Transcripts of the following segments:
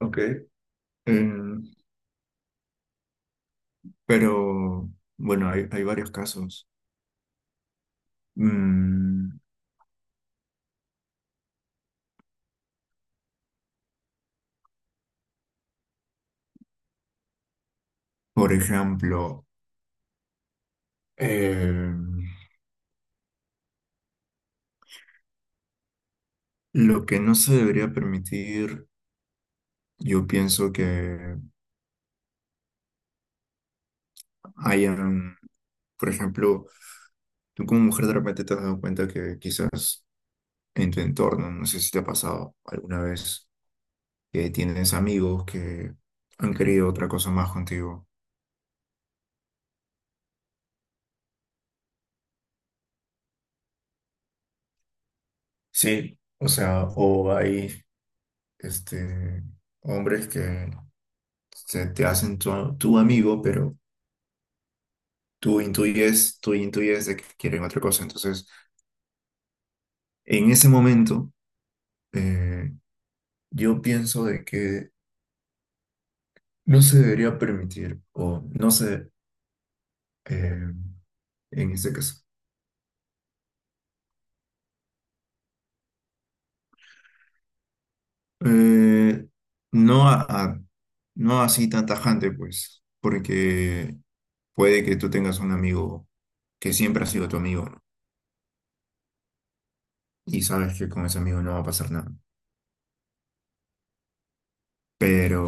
Ok, pero bueno, hay varios casos. Mm, por ejemplo, eh, lo que no se debería permitir, yo pienso que hayan, por ejemplo, tú como mujer de repente te has dado cuenta que quizás en tu entorno, no sé si te ha pasado alguna vez, que tienes amigos que han querido otra cosa más contigo. Sí, o sea, o hay este, hombres que se te hacen tu amigo, pero tú intuyes de que quieren otra cosa. Entonces, en ese momento, eh, yo pienso de que no se debería permitir, o no sé, eh, en este caso, eh, no a- a- no así tan tajante, pues, porque puede que tú tengas un amigo que siempre ha sido tu amigo, ¿no? Y sabes que con ese amigo no va a pasar nada. Pero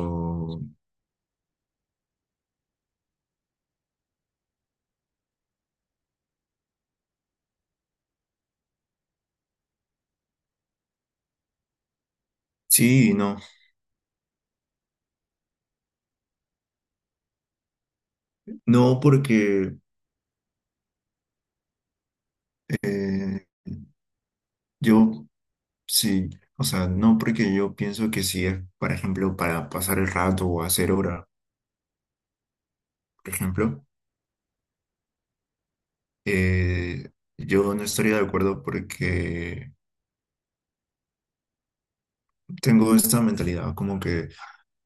sí, no. No porque Eh, yo sí, o sea, no porque yo pienso que si es, por ejemplo, para pasar el rato o hacer hora, por ejemplo, eh, yo no estaría de acuerdo porque tengo esta mentalidad como que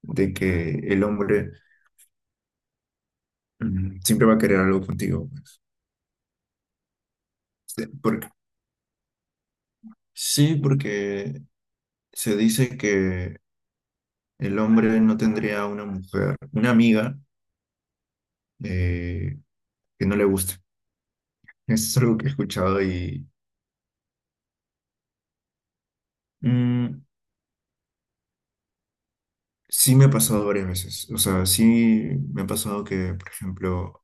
de que el hombre siempre va a querer algo contigo. Pues. Sí, porque, sí, porque se dice que el hombre no tendría una mujer, una amiga eh, que no le guste. Eso es algo que he escuchado y... Mm, sí me ha pasado varias veces. O sea, sí me ha pasado que, por ejemplo,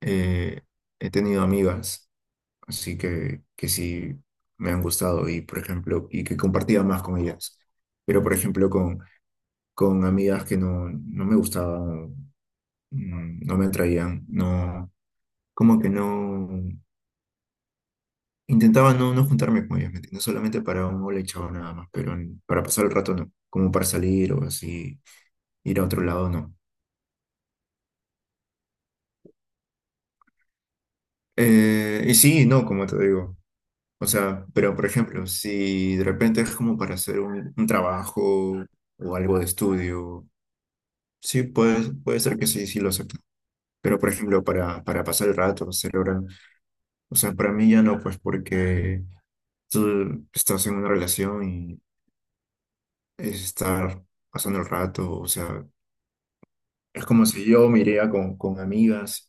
eh, he tenido amigas, así que sí me han gustado y, por ejemplo, y que compartía más con ellas. Pero, por ejemplo, con amigas que no, no me gustaban, no me atraían, no, como que no, intentaba no, no juntarme con ellas, ¿me entiendes? Solamente para un hola y chao nada más, pero para pasar el rato no, como para salir o así, ir a otro lado no. Y sí, no, como te digo. O sea, pero por ejemplo, si de repente es como para hacer un trabajo o algo de estudio, sí, puede ser que sí, sí lo acepten. Pero por ejemplo, para pasar el rato, celebrar, o sea, para mí ya no, pues porque tú estás en una relación y es estar pasando el rato, o sea, es como si yo me iría con amigas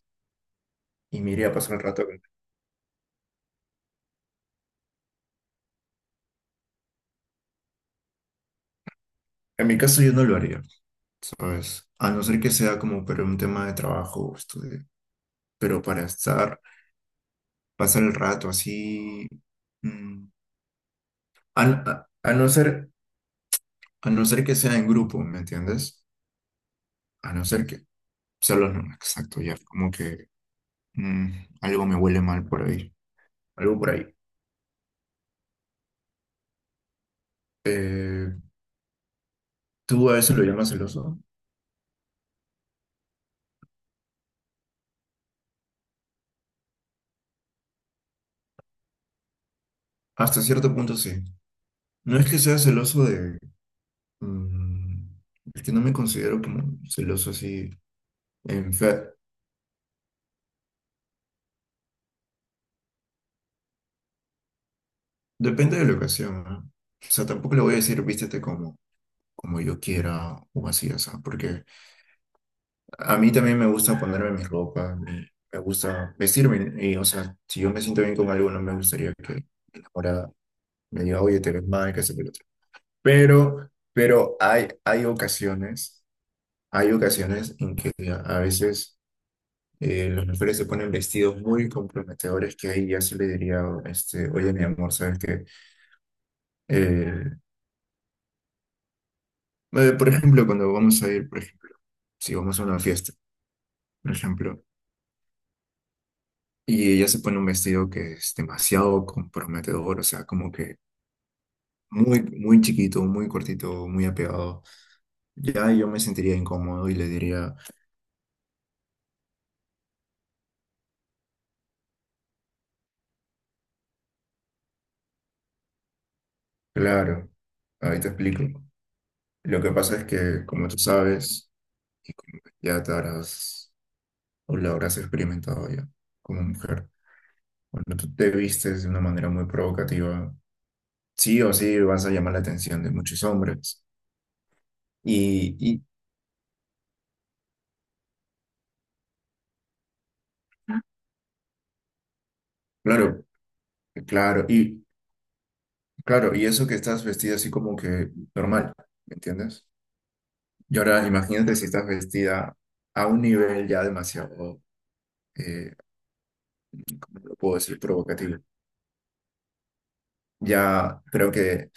y me iría a pasar el rato. Con- En mi caso yo no lo haría, ¿sabes? A no ser que sea como para un tema de trabajo o estudio, pero para estar pasar el rato así, mm, a, a- a no ser, a no ser que sea en grupo, ¿me entiendes? A no ser que, solo no, exacto, ya, como que mm, algo me huele mal por ahí, algo por ahí. Eh, ¿Tú a eso lo llamas celoso? Hasta cierto punto sí. No es que sea celoso de, mm, es que no me considero como celoso así, en fe, depende de la ocasión, ¿no? O sea, tampoco le voy a decir vístete como, como yo quiera o así, o sea, porque a mí también me gusta ponerme mi ropa, me gusta vestirme. Y, o sea, si yo me siento bien con algo, no me gustaría que mi enamorada me diga, oye, te ves mal, que esto, que lo otro. Pero hay, hay ocasiones en que a veces las mujeres se ponen vestidos muy comprometedores que ahí ya se le diría, este, oye, mi amor, ¿sabes qué? Eh, por ejemplo, cuando vamos a ir, por ejemplo, si vamos a una fiesta, por ejemplo. Y ella se pone un vestido que es demasiado comprometedor, o sea, como que muy, muy chiquito, muy cortito, muy apegado. Ya yo me sentiría incómodo y le diría, claro, ahí te explico. Lo que pasa es que, como tú sabes, y como que ya te habrás o lo habrás experimentado ya como mujer, cuando tú te vistes de una manera muy provocativa, sí o sí vas a llamar la atención de muchos hombres. Y claro, claro, y claro, y eso que estás vestida así como que normal, ¿me entiendes? Y ahora imagínate si estás vestida a un nivel ya demasiado, eh, ¿cómo lo puedo decir? Provocativo. Ya creo que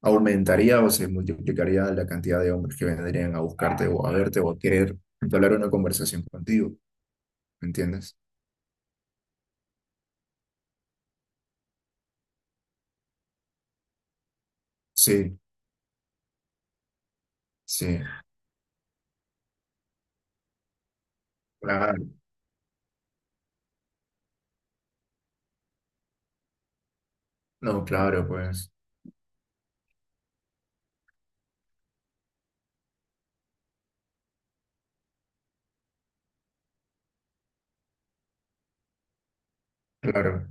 aumentaría o se multiplicaría la cantidad de hombres que vendrían a buscarte o a verte o a querer entablar una conversación contigo, ¿me entiendes? Sí, sí, claro, no, claro, pues, claro.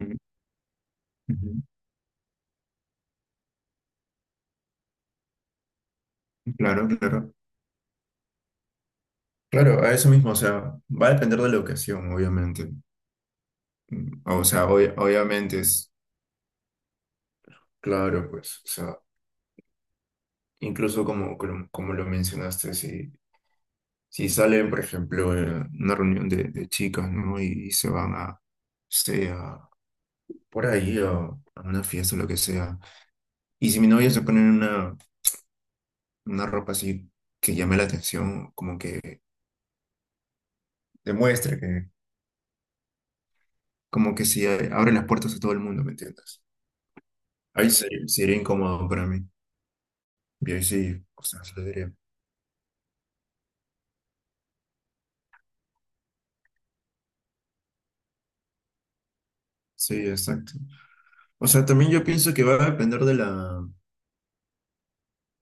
Ujú, ujú, claro, claro. Claro, a eso mismo, o sea, va a depender de la ocasión, obviamente. Mm, o sea, obviamente es claro, pues, o sea, incluso como, como, como lo mencionaste, si, si salen, por ejemplo, una reunión de chicas, ¿no? Y, se van a, sea, por ahí, a una fiesta o lo que sea. Y si mi novia se pone una ropa así que llame la atención, como que demuestre que, como que si abre las puertas a todo el mundo, ¿me entiendes? Ahí sí, sería incómodo para mí. Y ahí sí, o sea, se lo diría. Sí, exacto. O sea, también yo pienso que va a depender de la,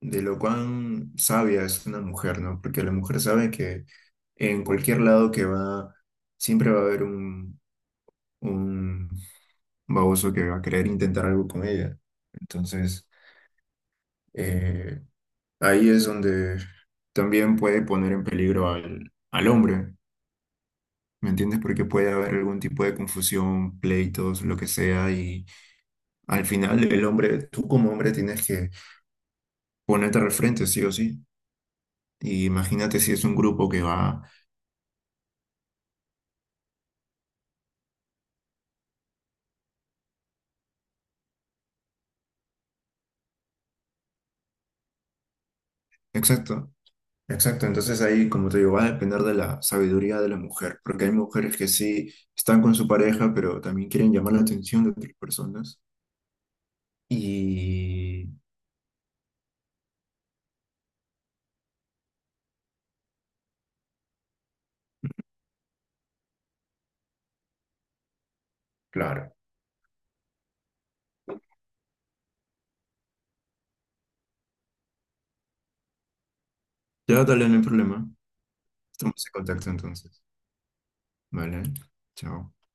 de lo cuán sabia es una mujer, ¿no? Porque la mujer sabe que en cualquier lado que va, siempre va a haber un baboso que va a querer intentar algo con ella. Entonces, eh, ahí es donde también puede poner en peligro al, al hombre, ¿me entiendes? Porque puede haber algún tipo de confusión, pleitos, lo que sea, y al final el hombre, tú como hombre tienes que ponerte al frente, sí o sí. Y imagínate si es un grupo que va... Exacto, exacto. Entonces ahí, como te digo, va a depender de la sabiduría de la mujer, porque hay mujeres que sí están con su pareja, pero también quieren llamar la atención de otras personas. Y claro, ya dale, no hay problema. Estamos en contacto entonces. Vale, chao.